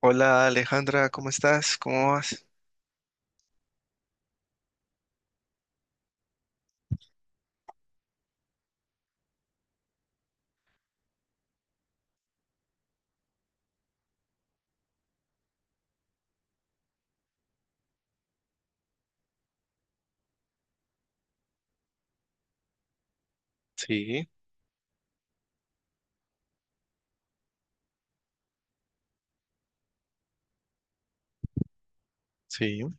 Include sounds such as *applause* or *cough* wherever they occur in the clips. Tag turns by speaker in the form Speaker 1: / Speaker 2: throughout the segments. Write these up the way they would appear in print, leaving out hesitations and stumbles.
Speaker 1: Hola Alejandra, ¿cómo estás? ¿Cómo vas? Sí, sí.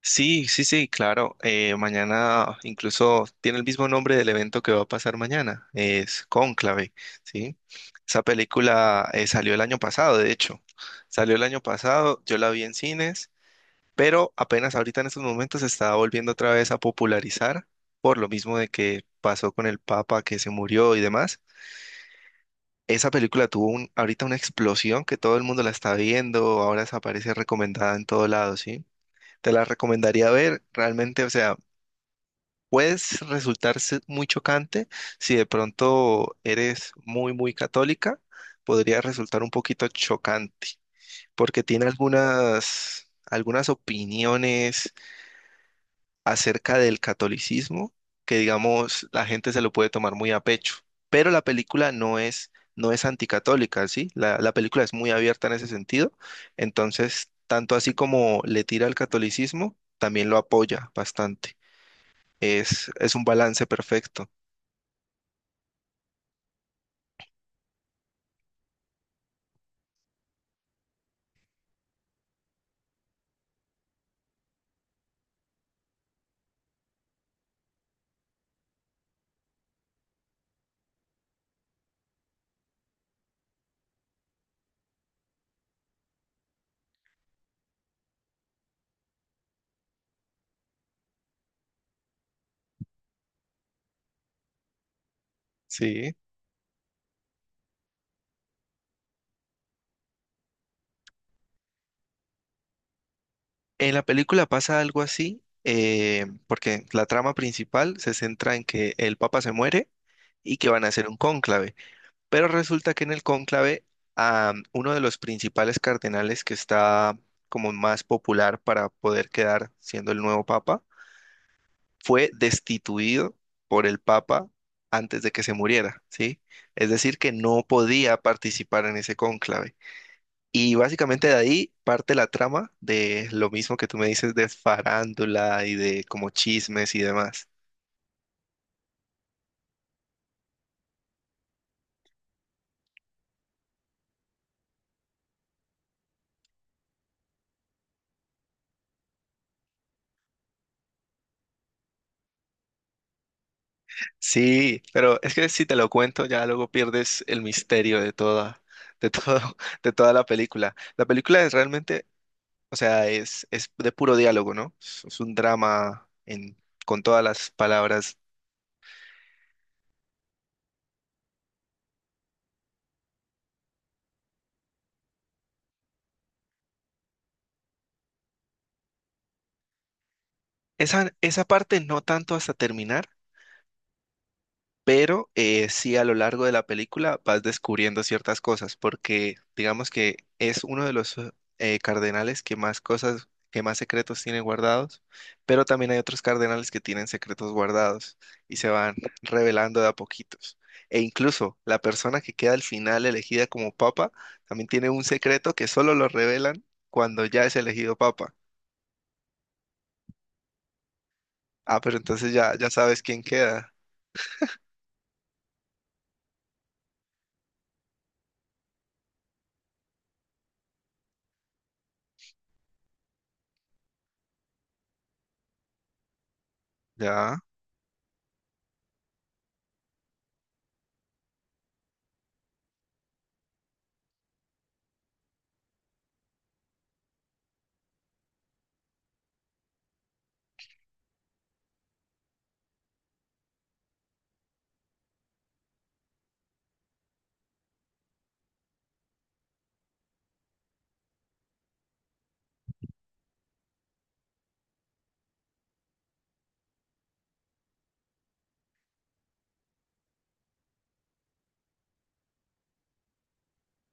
Speaker 1: Sí, sí, sí, claro. Mañana incluso tiene el mismo nombre del evento que va a pasar mañana. Es Cónclave, ¿sí? Esa película salió el año pasado, de hecho. Salió el año pasado, yo la vi en cines, pero apenas ahorita en estos momentos se está volviendo otra vez a popularizar por lo mismo de que pasó con el Papa que se murió y demás. Esa película tuvo un, ahorita una explosión que todo el mundo la está viendo, ahora se aparece recomendada en todo lado, ¿sí? Te la recomendaría ver, realmente, o sea, puedes resultar muy chocante si de pronto eres muy, muy católica, podría resultar un poquito chocante, porque tiene algunas, algunas opiniones acerca del catolicismo que, digamos, la gente se lo puede tomar muy a pecho, pero la película no es anticatólica, ¿sí? La película es muy abierta en ese sentido, entonces, tanto así como le tira al catolicismo, también lo apoya bastante. Es un balance perfecto, ¿sí? En la película pasa algo así, porque la trama principal se centra en que el papa se muere y que van a hacer un cónclave. Pero resulta que en el cónclave, uno de los principales cardenales que está como más popular para poder quedar siendo el nuevo papa, fue destituido por el papa antes de que se muriera, ¿sí? Es decir, que no podía participar en ese cónclave. Y básicamente de ahí parte la trama de lo mismo que tú me dices de farándula y de como chismes y demás. Sí, pero es que si te lo cuento ya luego pierdes el misterio de toda, de todo, *laughs* de toda la película. La película es realmente, o sea, es de puro diálogo, ¿no? Es un drama en, con todas las palabras. Esa parte no tanto hasta terminar, pero sí a lo largo de la película vas descubriendo ciertas cosas, porque digamos que es uno de los cardenales que más cosas, que más secretos tiene guardados, pero también hay otros cardenales que tienen secretos guardados y se van revelando de a poquitos. E incluso la persona que queda al final elegida como papa también tiene un secreto que solo lo revelan cuando ya es elegido papa. Ah, pero entonces ya, ya sabes quién queda. Ya.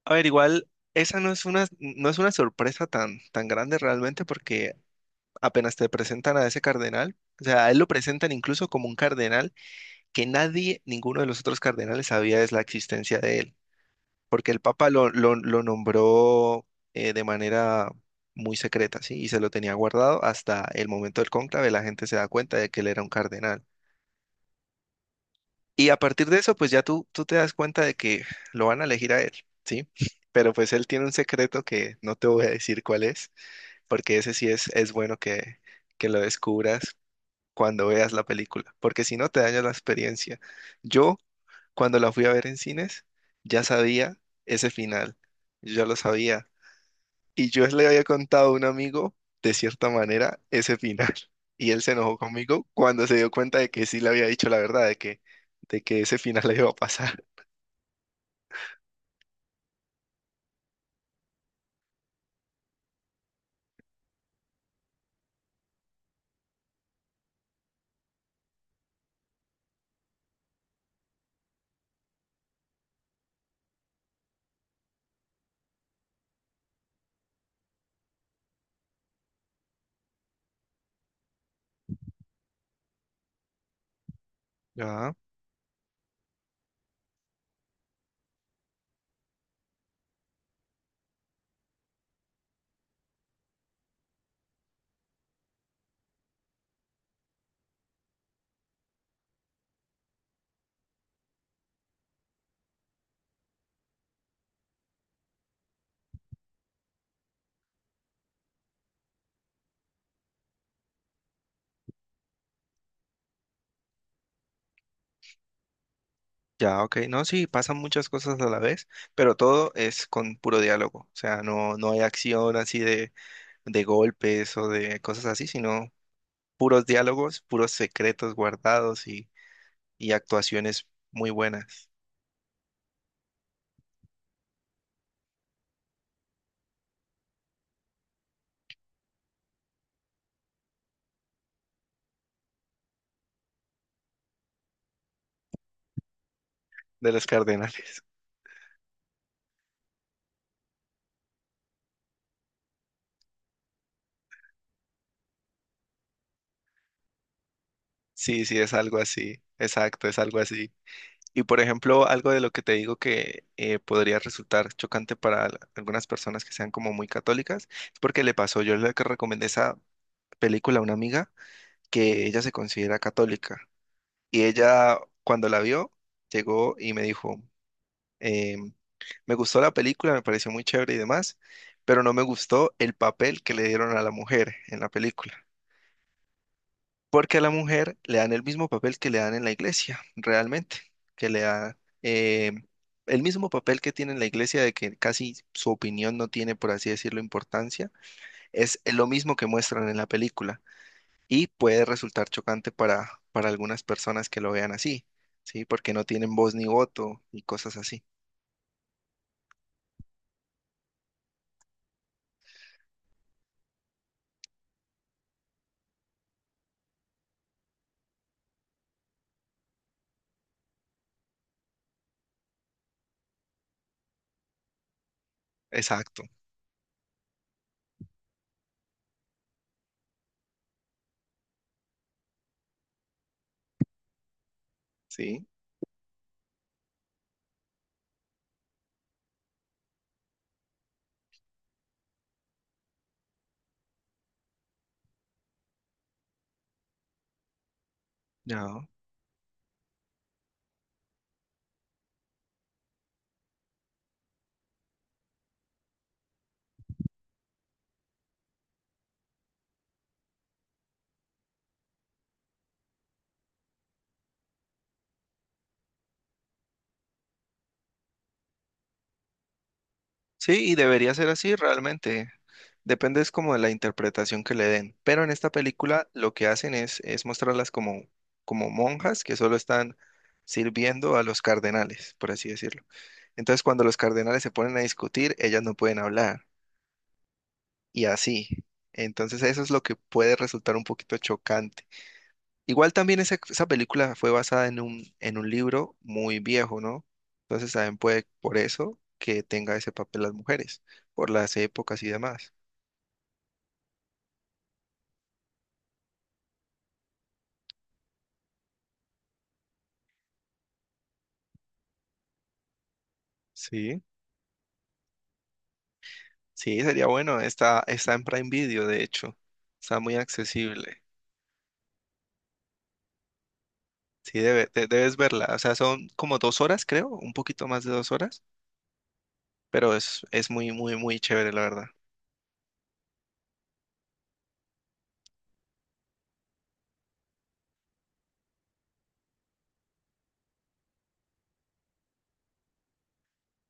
Speaker 1: A ver, igual, esa no es una, no es una sorpresa tan, tan grande realmente porque apenas te presentan a ese cardenal, o sea, a él lo presentan incluso como un cardenal que nadie, ninguno de los otros cardenales sabía es la existencia de él, porque el Papa lo nombró de manera muy secreta, ¿sí? Y se lo tenía guardado hasta el momento del cónclave, la gente se da cuenta de que él era un cardenal. Y a partir de eso, pues ya tú te das cuenta de que lo van a elegir a él, ¿sí? Pero pues él tiene un secreto que no te voy a decir cuál es, porque ese sí es bueno que lo descubras cuando veas la película, porque si no te daña la experiencia. Yo, cuando la fui a ver en cines, ya sabía ese final, yo ya lo sabía, y yo le había contado a un amigo, de cierta manera, ese final, *laughs* y él se enojó conmigo cuando se dio cuenta de que sí le había dicho la verdad, de que ese final le iba a pasar. Ya, ya, ok. No, sí, pasan muchas cosas a la vez, pero todo es con puro diálogo. O sea, no hay acción así de golpes o de cosas así, sino puros diálogos, puros secretos guardados y actuaciones muy buenas de los cardenales. *laughs* Sí, sí, es algo así. Exacto, es algo así. Y por ejemplo, algo de lo que te digo que podría resultar chocante para algunas personas que sean como muy católicas, es porque le pasó, yo le recomendé esa película a una amiga que ella se considera católica. Y ella, cuando la vio, llegó y me dijo, em, me gustó la película, me pareció muy chévere y demás, pero no me gustó el papel que le dieron a la mujer en la película. Porque a la mujer le dan el mismo papel que le dan en la iglesia, realmente, que le da el mismo papel que tiene en la iglesia de que casi su opinión no tiene, por así decirlo, importancia, es lo mismo que muestran en la película. Y puede resultar chocante para algunas personas que lo vean así, ¿sí? Porque no tienen voz ni voto y cosas así. Exacto, ¿sí? No. Sí, y debería ser así realmente. Depende es como de la interpretación que le den. Pero en esta película lo que hacen es mostrarlas como, como monjas que solo están sirviendo a los cardenales, por así decirlo. Entonces, cuando los cardenales se ponen a discutir, ellas no pueden hablar y así. Entonces, eso es lo que puede resultar un poquito chocante. Igual también esa película fue basada en un libro muy viejo, ¿no? Entonces también puede por eso que tenga ese papel las mujeres, por las épocas y demás. Sí, sí, sería bueno. Está, está en Prime Video, de hecho. Está muy accesible. Sí, debes verla. O sea, son como 2 horas, creo, un poquito más de 2 horas, pero es muy, muy, muy chévere, la verdad.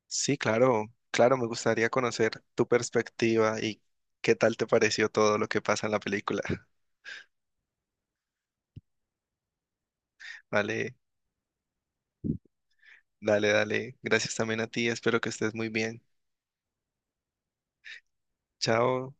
Speaker 1: Sí, claro, claro, me gustaría conocer tu perspectiva y qué tal te pareció todo lo que pasa en la película. *laughs* Vale. Dale, dale. Gracias también a ti. Espero que estés muy bien. Chao.